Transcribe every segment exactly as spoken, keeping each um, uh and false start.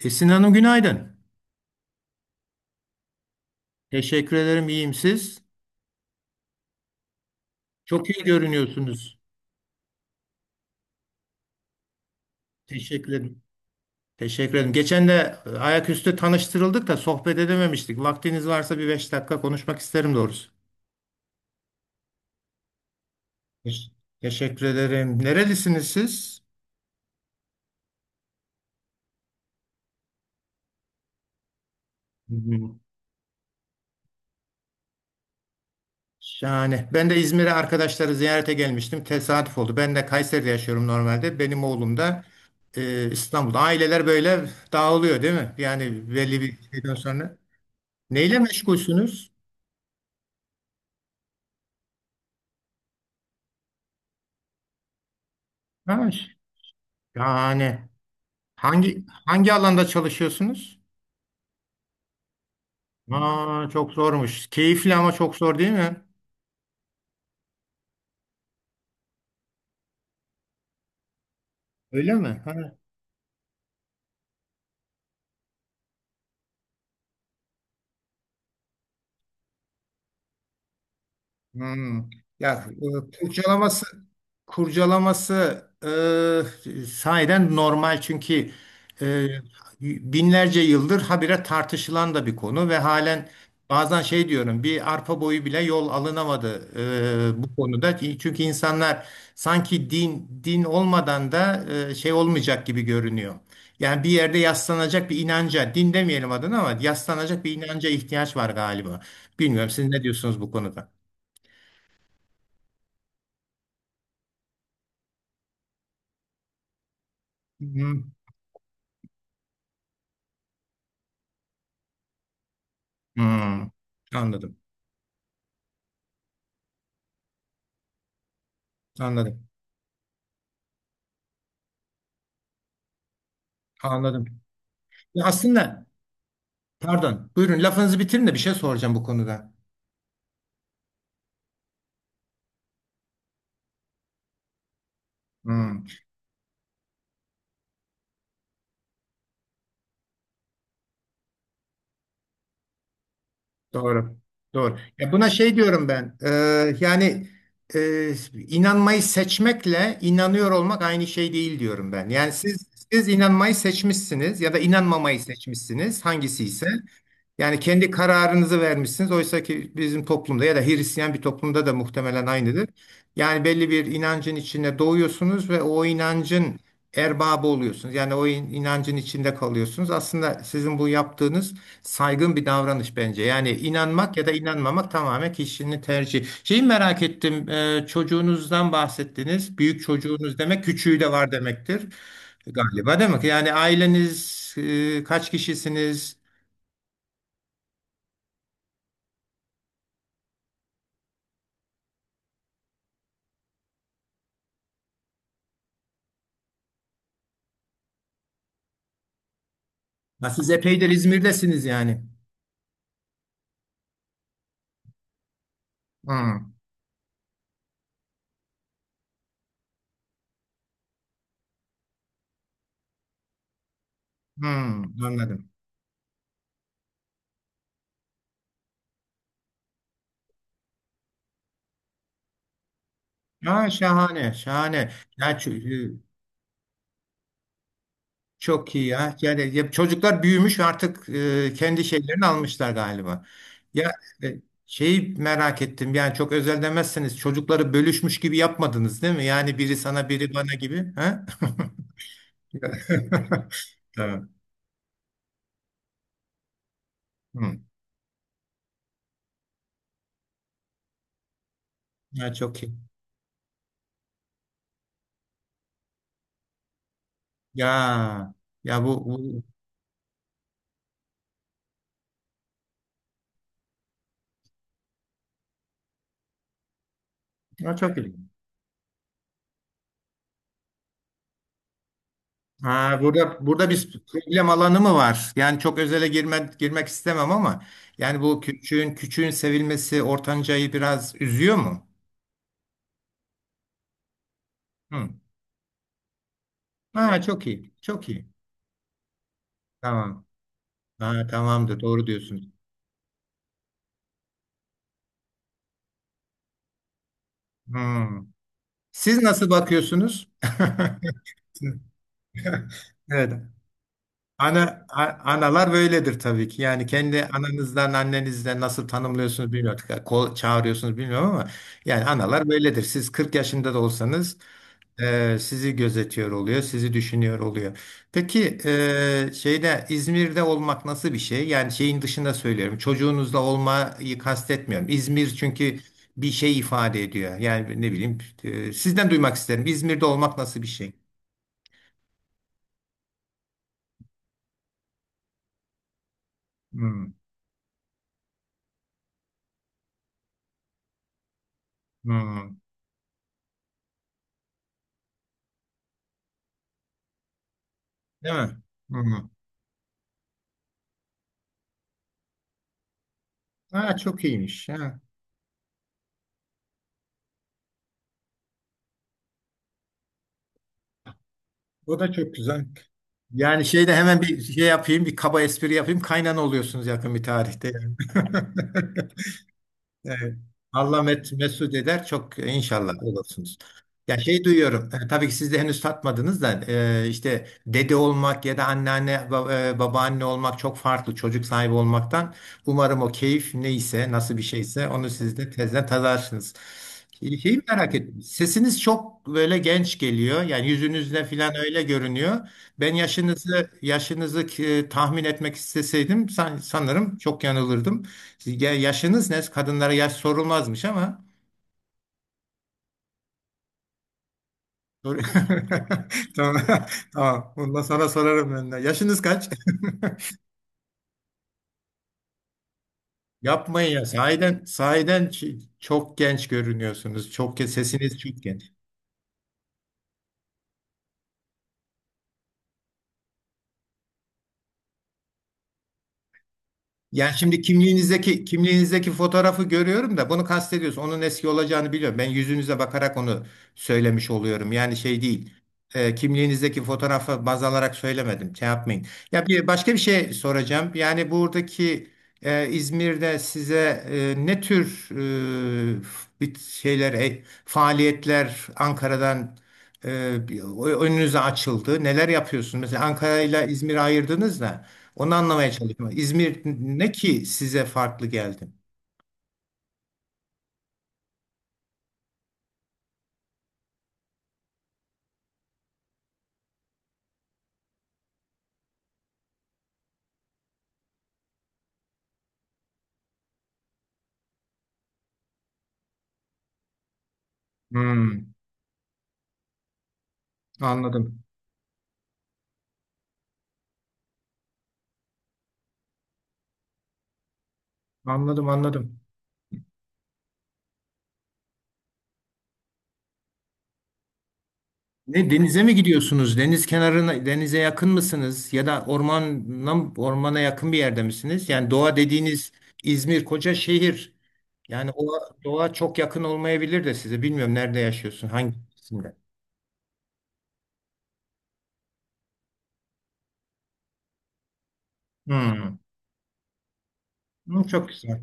Esin Hanım, günaydın. Teşekkür ederim. İyiyim siz? Çok iyi görünüyorsunuz. Teşekkür ederim. Teşekkür ederim. Geçen de e, ayaküstü tanıştırıldık da sohbet edememiştik. Vaktiniz varsa bir beş dakika konuşmak isterim doğrusu. Teş- Teşekkür ederim. Nerelisiniz siz? Hı. Şahane. Ben de İzmir'e arkadaşları ziyarete gelmiştim. Tesadüf oldu. Ben de Kayseri'de yaşıyorum normalde. Benim oğlum da e, İstanbul'da. Aileler böyle dağılıyor değil mi? Yani belli bir şeyden sonra. Neyle meşgulsünüz? Ha. Yani hangi hangi alanda çalışıyorsunuz? Aa, çok zormuş. Keyifli ama çok zor değil mi? Öyle mi? Ha. Hmm. Ya e, kurcalaması kurcalaması e, sahiden normal çünkü e, binlerce yıldır habire tartışılan da bir konu ve halen bazen şey diyorum, bir arpa boyu bile yol alınamadı e, bu konuda. Çünkü insanlar sanki din, din olmadan da e, şey olmayacak gibi görünüyor. Yani bir yerde yaslanacak bir inanca, din demeyelim adına ama yaslanacak bir inanca ihtiyaç var galiba. Bilmiyorum, siz ne diyorsunuz bu konuda? Hmm, hmm. Anladım. Anladım. Anladım. Ya aslında pardon. Buyurun lafınızı bitirin de bir şey soracağım bu konuda. Hmm, doğru. Doğru. Ya buna şey diyorum ben. E, yani e, inanmayı seçmekle inanıyor olmak aynı şey değil diyorum ben. Yani siz siz inanmayı seçmişsiniz ya da inanmamayı seçmişsiniz, hangisi ise. Yani kendi kararınızı vermişsiniz. Oysa ki bizim toplumda ya da Hristiyan bir toplumda da muhtemelen aynıdır. Yani belli bir inancın içine doğuyorsunuz ve o inancın erbabı oluyorsunuz. Yani o in- inancın içinde kalıyorsunuz. Aslında sizin bu yaptığınız saygın bir davranış bence. Yani inanmak ya da inanmamak tamamen kişinin tercihi. Şeyi merak ettim. E, çocuğunuzdan bahsettiniz. Büyük çocuğunuz demek, küçüğü de var demektir. Galiba, değil mi? Yani aileniz e, kaç kişisiniz? Ha, siz epeydir İzmir'desiniz yani. Hmm, hmm, anladım. Ha, şahane, şahane. Ya, ço- e, çok iyi ya. Yani ya, çocuklar büyümüş artık, e, kendi şeylerini almışlar galiba. Ya e, şeyi merak ettim. Yani çok özel demezseniz, çocukları bölüşmüş gibi yapmadınız, değil mi? Yani biri sana biri bana gibi. Ha? Tamam. Hmm. Ya çok iyi. Ya ya bu, bu ya çok iyi. Ha, burada burada bir problem alanı mı var? Yani çok özele girme, girmek istemem ama yani bu küçüğün küçüğün sevilmesi ortancayı biraz üzüyor mu? Hı. Ha, çok iyi. Çok iyi. Tamam. Ha, tamamdır. Doğru diyorsunuz. Hı. Siz nasıl bakıyorsunuz? Evet. Ana, a- Analar böyledir tabii ki. Yani kendi ananızdan, annenizden nasıl tanımlıyorsunuz, bilmiyorum. Kol çağırıyorsunuz bilmiyorum ama yani analar böyledir. Siz kırk yaşında da olsanız e, sizi gözetiyor oluyor, sizi düşünüyor oluyor. Peki e, şeyde, İzmir'de olmak nasıl bir şey? Yani şeyin dışında söylüyorum. Çocuğunuzla olmayı kastetmiyorum. İzmir çünkü bir şey ifade ediyor. Yani ne bileyim, e, sizden duymak isterim. İzmir'de olmak nasıl bir şey? Hmm, hmm. Değil mi? Hmm. Ha, çok iyiymiş. Ha. O da çok güzel. Yani şeyde hemen bir şey yapayım, bir kaba espri yapayım. Kaynana oluyorsunuz yakın bir tarihte. Evet. Allah met mesut eder çok, e, inşallah olursunuz. Ya şey duyuyorum, e, tabii ki siz de henüz tatmadınız da e, işte dede olmak ya da anneanne ba- e, babaanne olmak çok farklı çocuk sahibi olmaktan. Umarım o keyif neyse, nasıl bir şeyse, onu siz de tezden tadarsınız. Şey- Şeyi merak ettim. Sesiniz çok böyle genç geliyor. Yani yüzünüzde falan öyle görünüyor. Ben yaşınızı yaşınızı e, tahmin etmek isteseydim, san- sanırım çok yanılırdım. Siz ya- yaşınız ne? Kadınlara yaş sorulmazmış ama. Sor- Tamam. Tamam. Bundan sonra sorarım ben de. Yaşınız kaç? Yapmayın ya. Sahiden, sahiden ç- çok genç görünüyorsunuz. Çok ge- sesiniz çok genç. Yani şimdi kimliğinizdeki kimliğinizdeki fotoğrafı görüyorum da bunu kastediyorsun. Onun eski olacağını biliyorum. Ben yüzünüze bakarak onu söylemiş oluyorum. Yani şey değil. E, kimliğinizdeki fotoğrafı baz alarak söylemedim. Şey yapmayın. Ya bir başka bir şey soracağım. Yani buradaki e, İzmir'de size e, ne tür e, bir şeyler, e, faaliyetler Ankara'dan e, bir- önünüze açıldı? Neler yapıyorsunuz? Mesela Ankara ile İzmir'i ayırdınız da. Onu anlamaya çalışıyorum. İzmir ne ki size farklı geldi? Hmm, anladım. Anladım, anladım. Ne, denize mi gidiyorsunuz? Deniz kenarına, denize yakın mısınız? Ya da ormana, ormana yakın bir yerde misiniz? Yani doğa dediğiniz, İzmir koca şehir. Yani o doğa çok yakın olmayabilir de size. Bilmiyorum nerede yaşıyorsun, hangi hangisinde? Hmm. Hmm, çok güzel.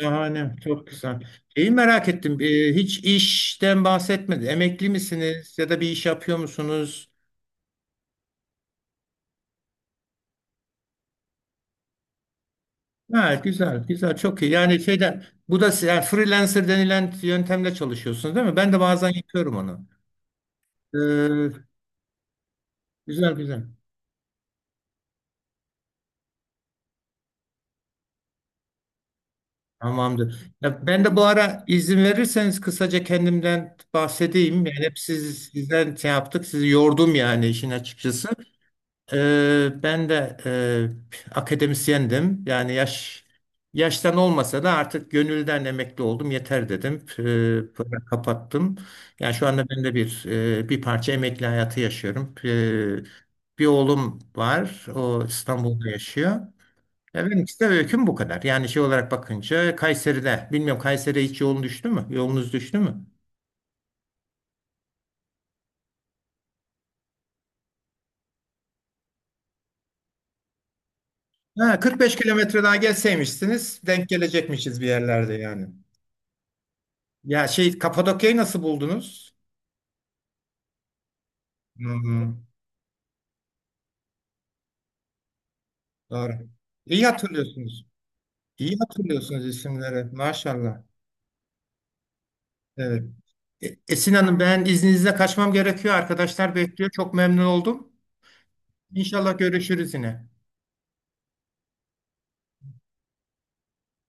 Şahane, çok güzel. Şeyi merak ettim. Ee, hiç işten bahsetmedi. Emekli misiniz ya da bir iş yapıyor musunuz? Ha, güzel, güzel, çok iyi. Yani şeyden, bu da yani freelancer denilen yöntemle çalışıyorsunuz, değil mi? Ben de bazen yapıyorum onu. Ee, güzel, güzel. Tamamdır. Ya ben de bu ara izin verirseniz kısaca kendimden bahsedeyim. Yani hep siz, sizden şey yaptık, sizi yordum yani işin açıkçası. Ee, ben de e, akademisyendim. Yani yaş yaştan olmasa da artık gönülden emekli oldum. Yeter dedim. Ee, Programı kapattım. Yani şu anda ben de bir e, bir parça emekli hayatı yaşıyorum. Ee, bir oğlum var. O İstanbul'da yaşıyor. Ya benim işte öyküm bu kadar. Yani şey olarak bakınca Kayseri'de. Bilmiyorum Kayseri'ye hiç yolun düştü mü? Yolunuz düştü mü? Ha, kırk beş kilometre daha gelseymişsiniz denk gelecekmişiz bir yerlerde yani. Ya şey, Kapadokya'yı nasıl buldunuz? Hı-hı. Doğru. İyi hatırlıyorsunuz. İyi hatırlıyorsunuz isimleri. Maşallah. Evet. E- Esin Hanım, ben izninizle kaçmam gerekiyor. Arkadaşlar bekliyor. Çok memnun oldum. İnşallah görüşürüz yine.